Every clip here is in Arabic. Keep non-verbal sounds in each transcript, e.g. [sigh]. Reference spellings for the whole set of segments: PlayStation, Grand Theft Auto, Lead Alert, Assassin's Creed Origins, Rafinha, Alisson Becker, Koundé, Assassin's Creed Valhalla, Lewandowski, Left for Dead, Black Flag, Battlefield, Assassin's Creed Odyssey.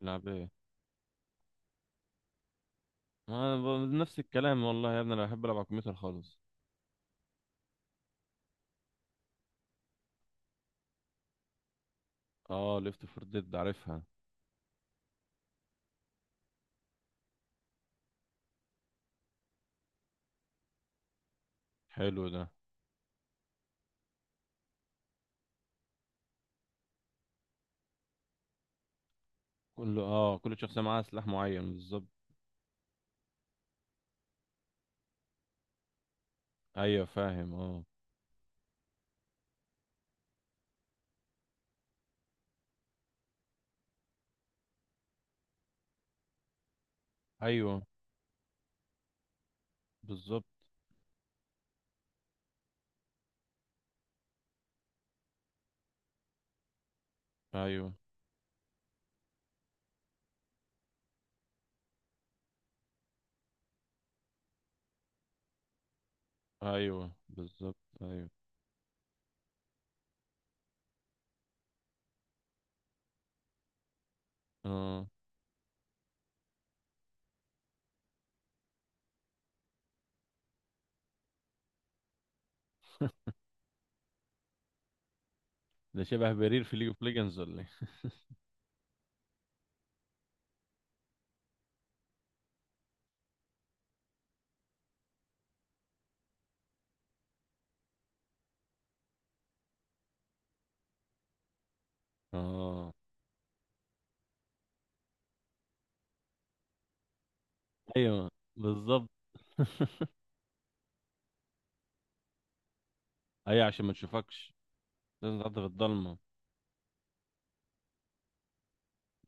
تلعب ايه؟ ما ب- نفس الكلام والله يا ابني، انا بحب العب على الكمبيوتر خالص. اه، ليفت فور ديد عارفها. حلو ده. كل شخصيه معاها سلاح معين بالظبط. ايوه فاهم، اه. ايوه بالظبط. ايوه ايوه بالظبط ايوه اه. ده شبه برير في ليج اوف ليجندز ولا ايه؟ اه. ايوه بالظبط. ايوه عشان ما تشوفكش، لازم تعدي في الضلمه.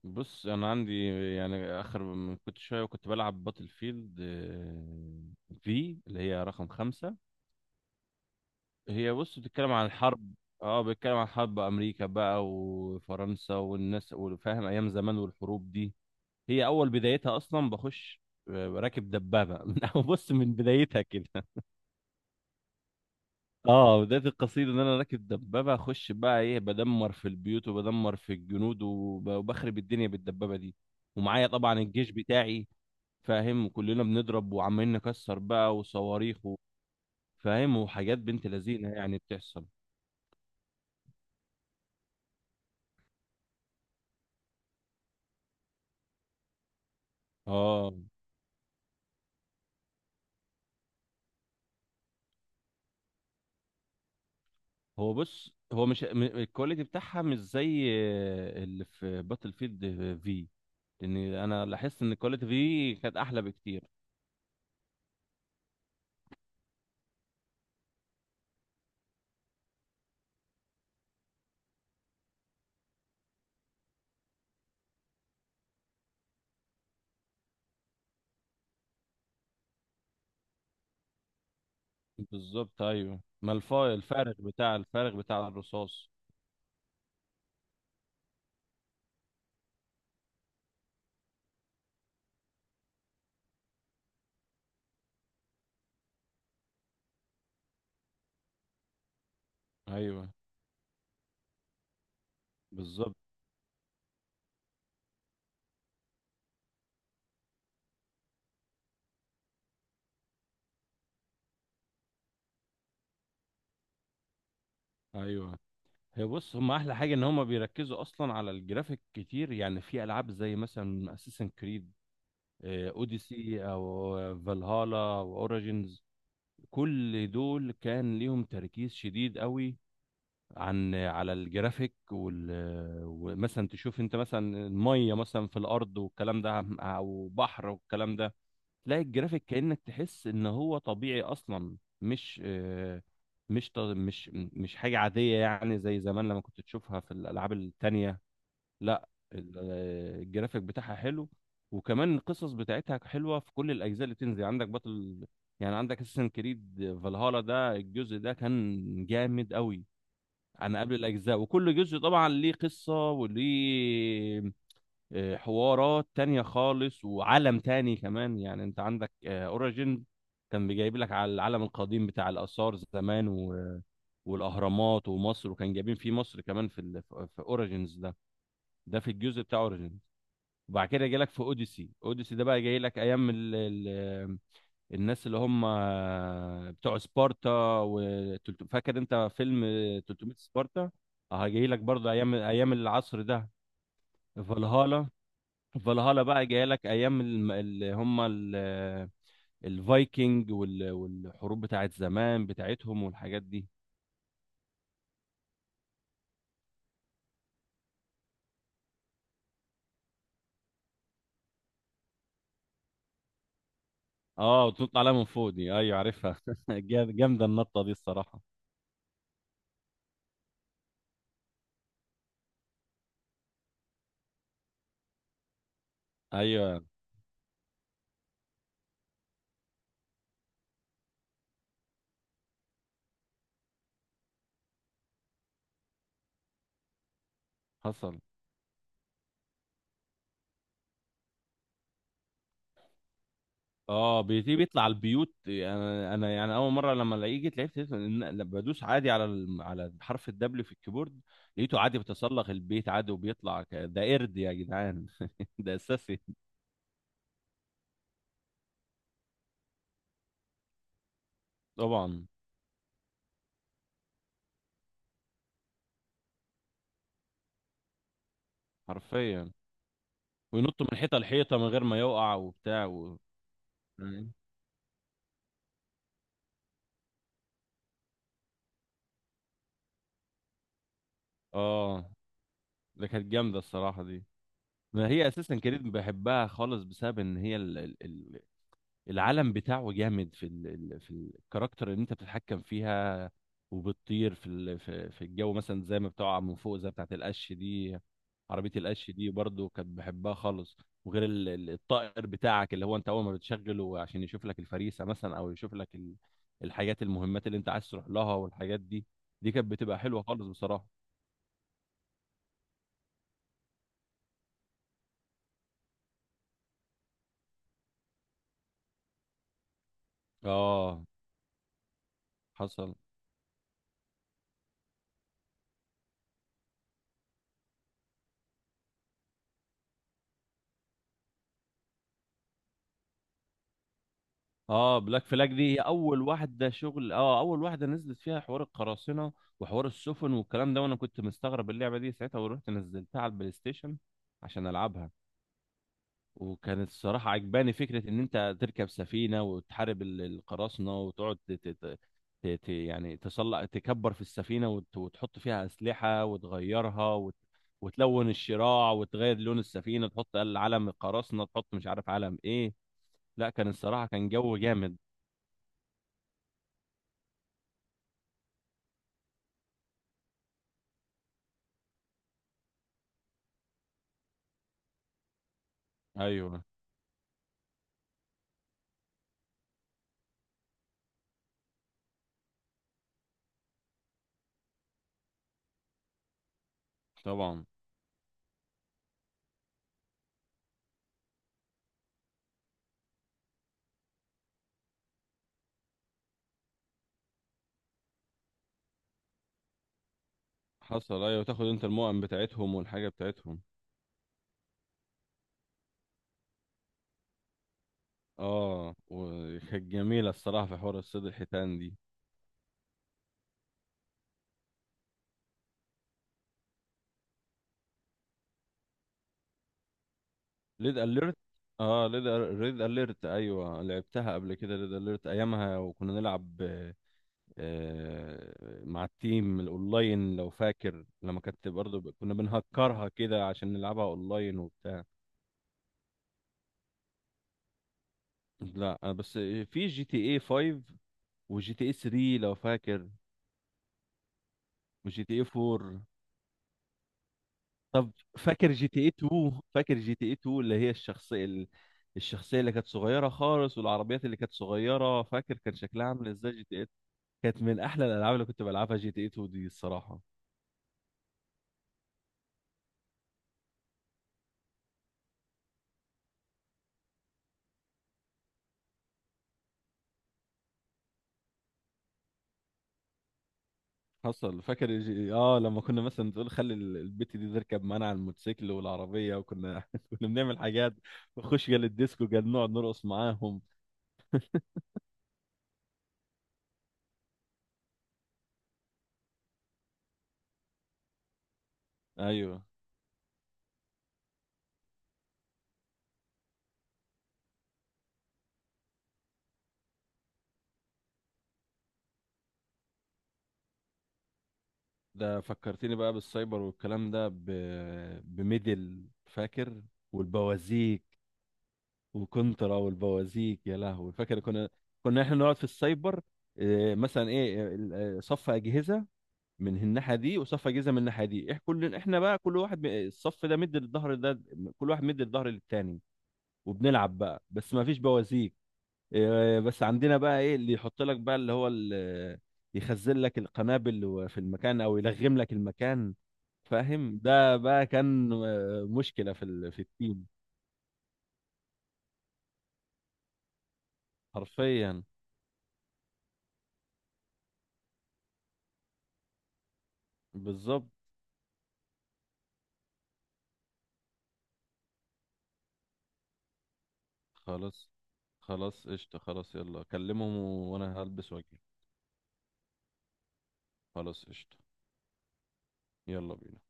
بص انا عندي، يعني اخر من كنت شويه وكنت بلعب باتل فيلد، في اللي هي رقم خمسة. هي بص بتتكلم عن الحرب، اه بتتكلم عن حرب امريكا بقى وفرنسا والناس، وفاهم، ايام زمان والحروب دي. هي اول بدايتها اصلا بخش راكب دبابه [laughs] بص من بدايتها كده. اه بدايه القصيده ان انا راكب دبابه، اخش بقى ايه، بدمر في البيوت وبدمر في الجنود وبخرب الدنيا بالدبابه دي. ومعايا طبعا الجيش بتاعي، فاهم، وكلنا بنضرب وعمالين نكسر بقى، وصواريخ فاهم، وحاجات بنت لذينه يعني بتحصل. اه هو بص هو مش م- الكواليتي بتاعها مش زي اللي في باتل فيلد في. لان انا لاحظت ان الكواليتي في كانت احلى بكتير. بالظبط، ايوه، ما الف- الفارغ بتاع، الفارغ بتاع الرصاص. ايوه بالظبط. ايوه، هي بص هم احلى حاجه ان هم بيركزوا اصلا على الجرافيك كتير، يعني في العاب زي مثلا اساسن كريد اوديسي، او فالهالا، واوريجينز. كل دول كان ليهم تركيز شديد قوي، على الجرافيك ومثلا تشوف انت مثلا الميه مثلا في الارض والكلام ده، او بحر والكلام ده، تلاقي الجرافيك كأنك تحس ان هو طبيعي اصلا. مش ط- مش مش حاجه عاديه يعني زي زمان لما كنت تشوفها في الالعاب التانية. لا، الجرافيك بتاعها حلو، وكمان القصص بتاعتها حلوه في كل الاجزاء اللي بتنزل. عندك بطل، يعني عندك اساسن كريد فالهالا، ده الجزء ده كان جامد قوي عن قبل الأجزاء. وكل جزء طبعا ليه قصة وليه حوارات تانية خالص وعالم تاني كمان. يعني انت عندك اوريجين، كان بيجايب لك على العالم القديم بتاع الآثار زمان والأهرامات ومصر، وكان جايبين فيه مصر كمان في في اوريجينز ده، ده في الجزء بتاع اوريجينز. وبعد كده جاي لك في اوديسي. اوديسي ده بقى جاي لك ايام الناس اللي هم بتوع سبارتا، و فاكر انت فيلم 300 سبارتا؟ اه جاي لك برضه ايام، ايام العصر ده. فالهالا، فالهالا بقى جاي لك ايام اللي هم الفايكنج والحروب بتاعت زمان بتاعتهم والحاجات دي. اه وتنط عليها من فوق دي، ايوه عارفها [laughs] جامده النطه دي الصراحه. ايوه. حصل. اه بيجي بيطلع البيوت، انا يعني اول مره لما الاقيه جيت لعبت، لقيت لما بدوس عادي على حرف الدبليو في الكيبورد، لقيته عادي بيتسلق البيت عادي وبيطلع، ده قرد يا جدعان. [laughs] ده اساسي طبعا. حرفيا. وينط من حيطه لحيطه من غير ما يقع، وبتاع يعني. اه، ده كانت جامده الصراحه دي. ما هي اساسا كريد بحبها خالص بسبب ان هي العالم بتاعه جامد في في الكاركتر اللي انت بتتحكم فيها، وبتطير في في الجو مثلا، زي ما بتقع من فوق زي بتاعت القش دي. عربية القش دي برضو كانت بحبها خالص. وغير الطائر بتاعك، اللي هو انت اول ما بتشغله عشان يشوف لك الفريسة مثلا، او يشوف لك الحاجات المهمات اللي انت عايز تروح لها والحاجات دي. دي كانت بتبقى حلوة خالص بصراحة. اه. حصل. اه بلاك فلاج دي هي اول واحده شغل، اه اول واحده نزلت فيها حوار القراصنه وحوار السفن والكلام ده، وانا كنت مستغرب اللعبه دي ساعتها، ورحت نزلتها على البلاي ستيشن عشان العبها. وكانت الصراحه عجباني فكره ان انت تركب سفينه وتحارب القراصنه، وتقعد يعني تصلع تكبر في السفينه، وتحط فيها اسلحه وتغيرها وتلون الشراع وتغير لون السفينه، تحط علم القراصنه، تحط مش عارف علم ايه. لا كان الصراحه كان جو جامد. ايوه طبعا. حصل ايوه، تاخد انت المؤن بتاعتهم والحاجه بتاعتهم. اه، وكانت جميله الصراحه في حوار الصيد، الحيتان دي. ليد اليرت، اه ليد ريد اليرت، ايوه لعبتها قبل كده ليد اليرت ايامها، وكنا نلعب آه، مع التيم الاونلاين لو فاكر، لما كانت برضه كنا بنهكرها كده عشان نلعبها اونلاين وبتاع. لا أنا بس في جي تي اي 5 وجي تي اي 3 لو فاكر، وجي تي اي 4. طب فاكر جي تي اي 2؟ فاكر جي تي اي 2 اللي هي الشخصية الشخصية اللي كانت صغيرة خالص، والعربيات اللي كانت صغيرة؟ فاكر كان شكلها عامل ازاي جي تي اي؟ كانت من احلى الالعاب اللي كنت بلعبها جي تي اي 2 دي الصراحة. حصل. فاكر اه لما كنا مثلا تقول خلي البت دي تركب معانا على الموتوسيكل والعربية، وكنا [laughs] كنا بنعمل حاجات، ونخش جال الديسكو، جال نقعد نرقص معاهم. ايوه ده فكرتني بقى بالسايبر والكلام ده بميدل، فاكر؟ والبوازيك، وكنترا والبوازيك، يا لهوي فاكر؟ كنا احنا نقعد في السايبر، مثلا ايه صف اجهزه من الناحيه دي، وصف اجهزه من الناحيه دي، احنا كل احنا بقى كل واحد الصف ده مد الظهر ده، كل واحد مد الظهر للتاني، وبنلعب بقى. بس ما فيش بوازيك، بس عندنا بقى ايه اللي يحط لك بقى اللي هو يخزن لك القنابل في المكان، او يلغم لك المكان، فاهم. ده بقى كان مشكله في في التيم. حرفيا. بالظبط. خلاص، خلاص قشطة. خلاص يلا كلمهم وانا هلبس واجي. خلاص قشطة. يلا بينا.